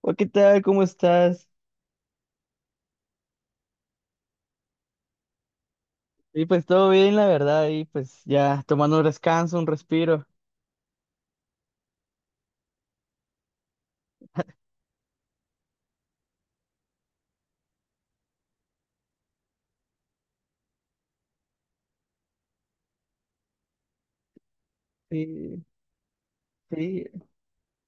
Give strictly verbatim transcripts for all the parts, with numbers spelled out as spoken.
Hola, ¿qué tal? ¿Cómo estás? Y pues todo bien, la verdad, y pues ya tomando un descanso, un respiro. Sí, sí.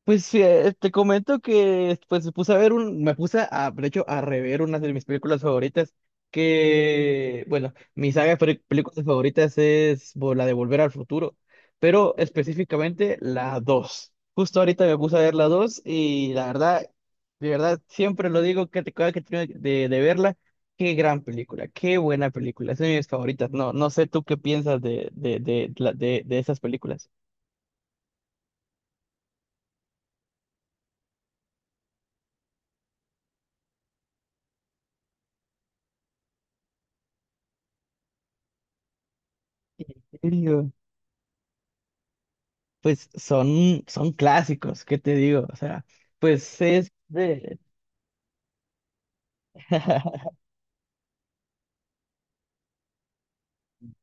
Pues sí, eh, te comento que pues me puse a ver un, me puse a, de hecho, a rever una de mis películas favoritas, que, bueno, mi saga de peli- películas favoritas es bo- la de Volver al Futuro, pero específicamente la dos. Justo ahorita me puse a ver la dos y la verdad, de verdad, siempre lo digo que te cada que termino de, de verla, qué gran película, qué buena película, es de mis favoritas. No, no sé tú qué piensas de, de, de, de, la- de de esas películas. ¿En serio? Pues son, son clásicos, ¿qué te digo? O sea, pues es de...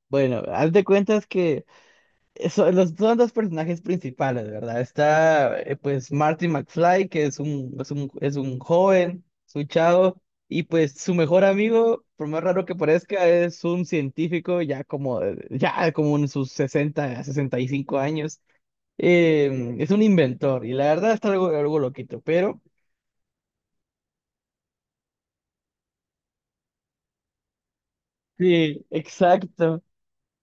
Bueno, haz de cuentas que son los, son dos personajes principales, ¿verdad? Está eh, pues Marty McFly, que es un, es un, es un joven, es un chavo, y pues su mejor amigo, por más raro que parezca, es un científico ya como, eh, ya como en sus sesenta sesenta y cinco años. Eh, es un inventor, y la verdad está algo, algo loquito, pero... Sí, exacto.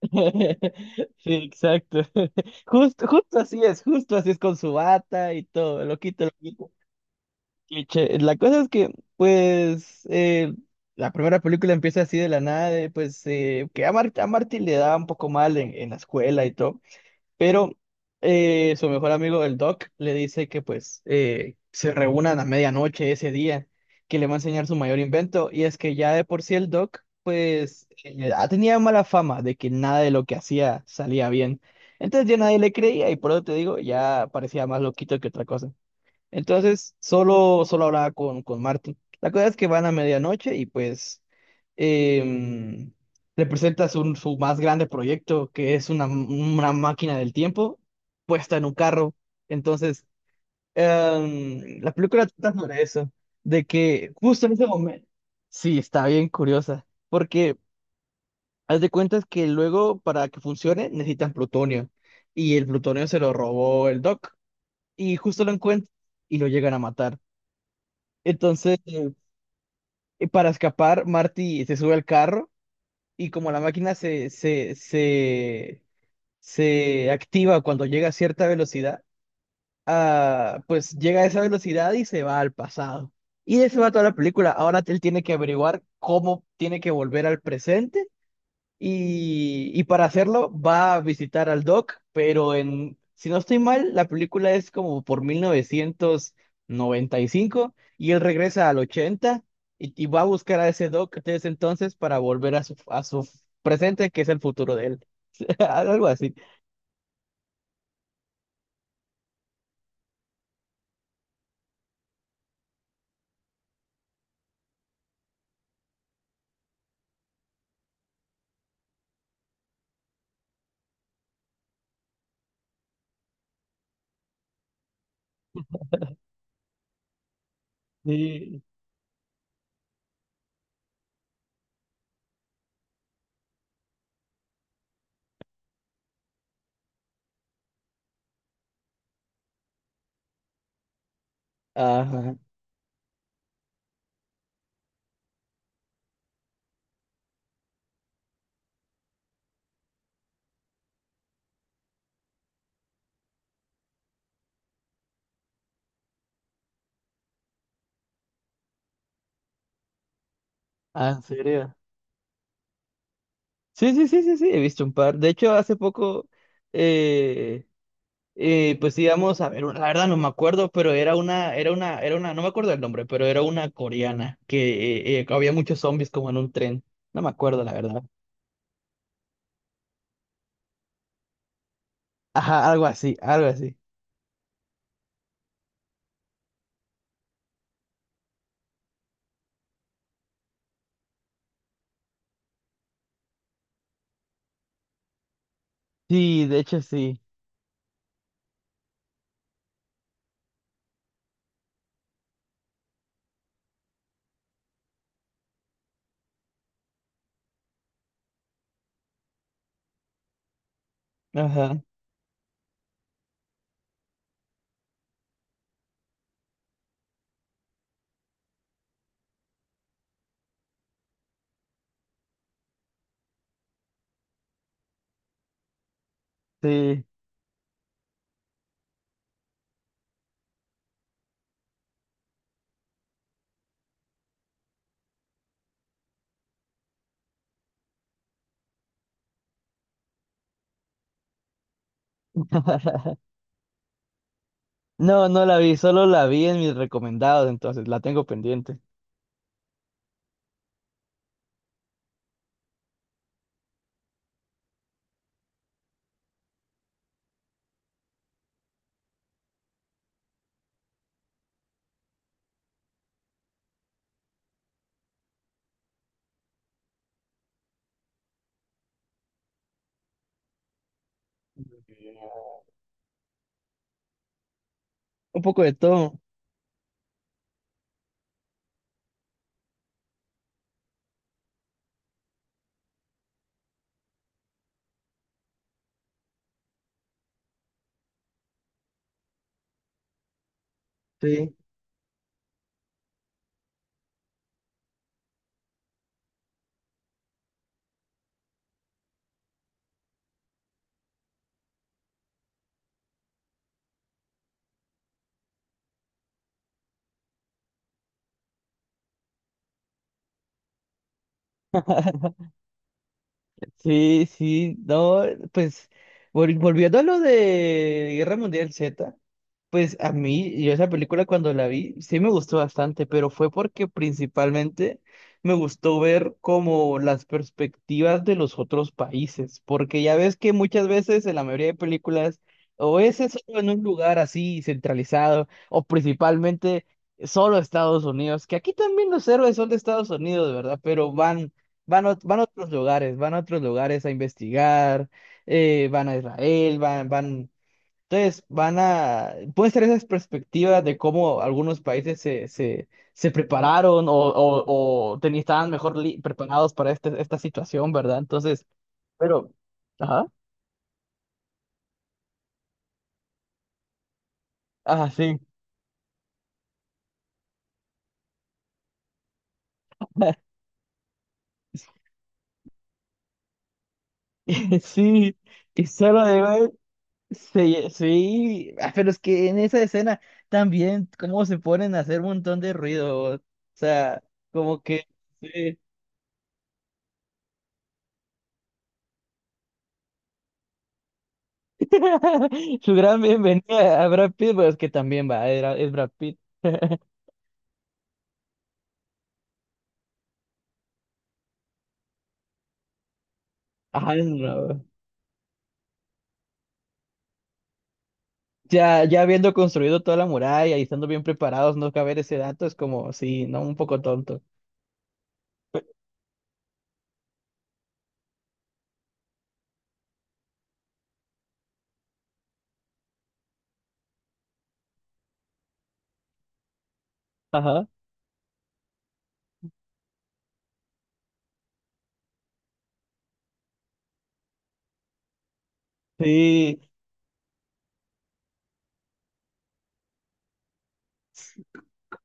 Sí, exacto. Justo, justo así es, justo así es con su bata y todo, loquito, loquito. Cliché. La cosa es que, pues, eh, la primera película empieza así de la nada, de, pues, eh, que a, Mar- a Marty le da un poco mal en, en la escuela y todo. Pero eh, su mejor amigo, el Doc, le dice que pues eh, se reúnan a medianoche ese día, que le va a enseñar su mayor invento. Y es que ya de por sí el Doc, pues eh, ah, tenía mala fama de que nada de lo que hacía salía bien. Entonces ya nadie le creía y por eso te digo, ya parecía más loquito que otra cosa. Entonces, solo, solo hablaba con, con Martin. La cosa es que van a medianoche y pues em, le presentas un- su más grande proyecto, que es una, una máquina del tiempo puesta en un carro. Entonces, em, la película trata sobre eso, de que justo en ese momento, sí, está bien curiosa, porque haz de cuentas que luego para que funcione necesitan plutonio y el plutonio se lo robó el Doc y justo lo encuentran y lo llegan a matar. Entonces, eh, para escapar, Marty se sube al carro y como la máquina se, se, se, se activa cuando llega a cierta velocidad, ah, pues llega a esa velocidad y se va al pasado. Y de eso va toda la película. Ahora él tiene que averiguar cómo tiene que volver al presente y, y para hacerlo va a visitar al Doc, pero en, si no estoy mal, la película es como por mil novecientos noventa y cinco y él regresa al ochenta y, y va a buscar a ese Doc desde entonces para volver a su, a su presente, que es el futuro de él. Algo así. Sí. Ajá. Ah, ¿en serio? Sí, sí, sí, sí, sí, he visto un par. De hecho, hace poco, eh, Eh, pues íbamos a ver, la verdad no me acuerdo, pero era una, era una, era una, no me acuerdo el nombre, pero era una coreana que eh, eh, había muchos zombies como en un tren. No me acuerdo, la verdad. Ajá, algo así, algo así. Sí, de hecho sí. Ajá, sí. No, no la vi, solo la vi en mis recomendados, entonces la tengo pendiente. Un poco de todo. Sí, sí, sí. No, pues vol- volviendo a lo de Guerra Mundial Z. Pues a mí, yo esa película cuando la vi, sí me gustó bastante, pero fue porque principalmente me gustó ver como las perspectivas de los otros países, porque ya ves que muchas veces en la mayoría de películas o es eso en un lugar así centralizado, o principalmente solo Estados Unidos, que aquí también los héroes son de Estados Unidos, ¿verdad? Pero van, van, a- van a otros lugares, van a otros lugares a investigar, eh, van a Israel, van, van. Entonces, van a, pueden ser esas perspectivas de cómo algunos países se, se, se prepararon o, o, o teni- estaban mejor li- preparados para este, esta situación, ¿verdad? Entonces, pero, ajá, ajá, sí, sí, y solo de ver, sí, sí, ah, pero es que en esa escena también, cómo se ponen a hacer un montón de ruido, o sea, como que, sí. Su gran bienvenida a Brad Pitt, pues que también va, era, es Brad Pitt. Ah, no, no. Ya, ya habiendo construido toda la muralla y estando bien preparados, no caber ese dato es como, sí, no, un poco tonto. Ajá. Sí,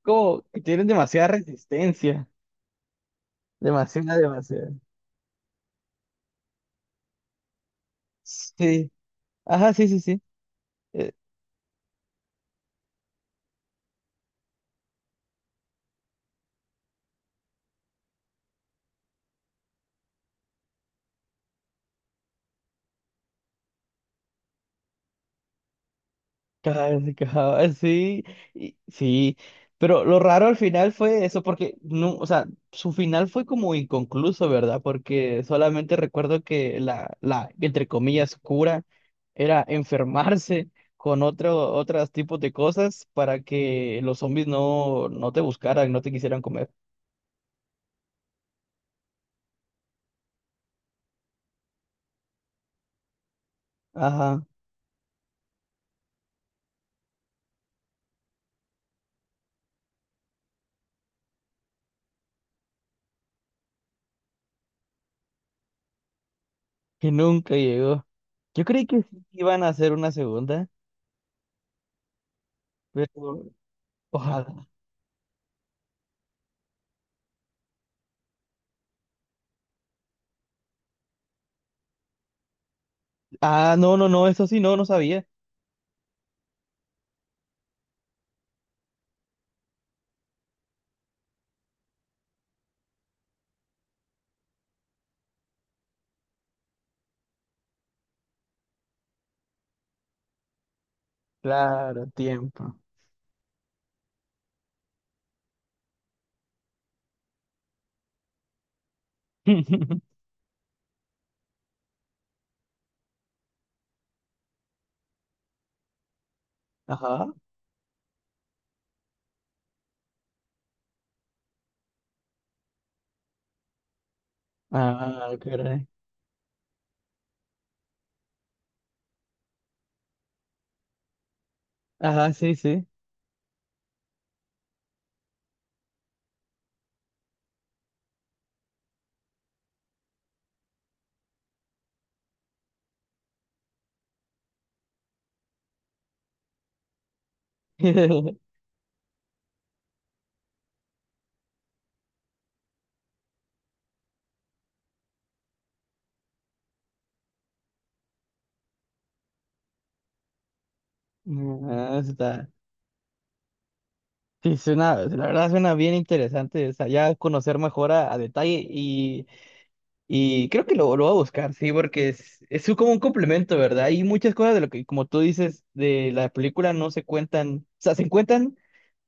como que tienen demasiada resistencia. Demasiada, demasiada. Sí. Ajá, sí, sí, sí. Casi, casi, sí, y- sí, pero lo raro al final fue eso, porque no, o sea, su final fue como inconcluso, ¿verdad? Porque solamente recuerdo que la, la, entre comillas, cura era enfermarse con otro, otros tipos de cosas para que los zombies no, no te buscaran, no te quisieran comer. Ajá, que nunca llegó. Yo creí que sí iban a hacer una segunda, pero ojalá. Ah, no, no, no, eso sí, no, no sabía. Claro, tiempo. Ajá. Ah, caray. Ajá, sí, sí. Ah, está. Sí, suena, la verdad suena bien interesante. O sea, ya conocer mejor a, a detalle y, y creo que lo, lo voy a buscar, sí, porque es, es un- como un complemento, ¿verdad? Hay muchas cosas de lo que, como tú dices, de la película no se cuentan. O sea, se cuentan,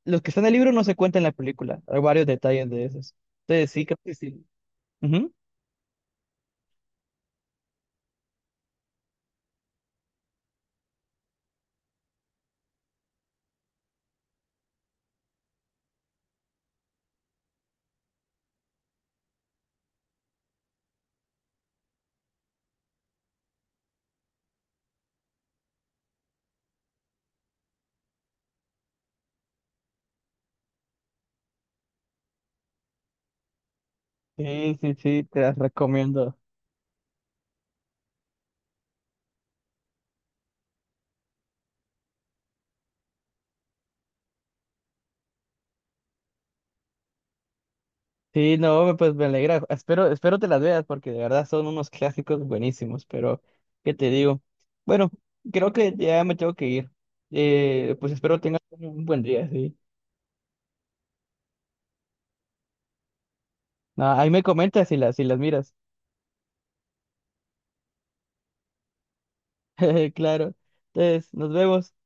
los que están en el libro no se cuentan en la película. Hay varios detalles de esos. Entonces, sí, creo que sí. Ujú. Sí, sí, sí, te las recomiendo. Sí, no, pues me alegra. Espero, espero te las veas porque de verdad son unos clásicos buenísimos, pero ¿qué te digo? Bueno, creo que ya me tengo que ir. Eh, pues espero tengas un un buen día, sí. Ah, ahí me comentas si las, si las miras. Claro. Entonces, nos vemos.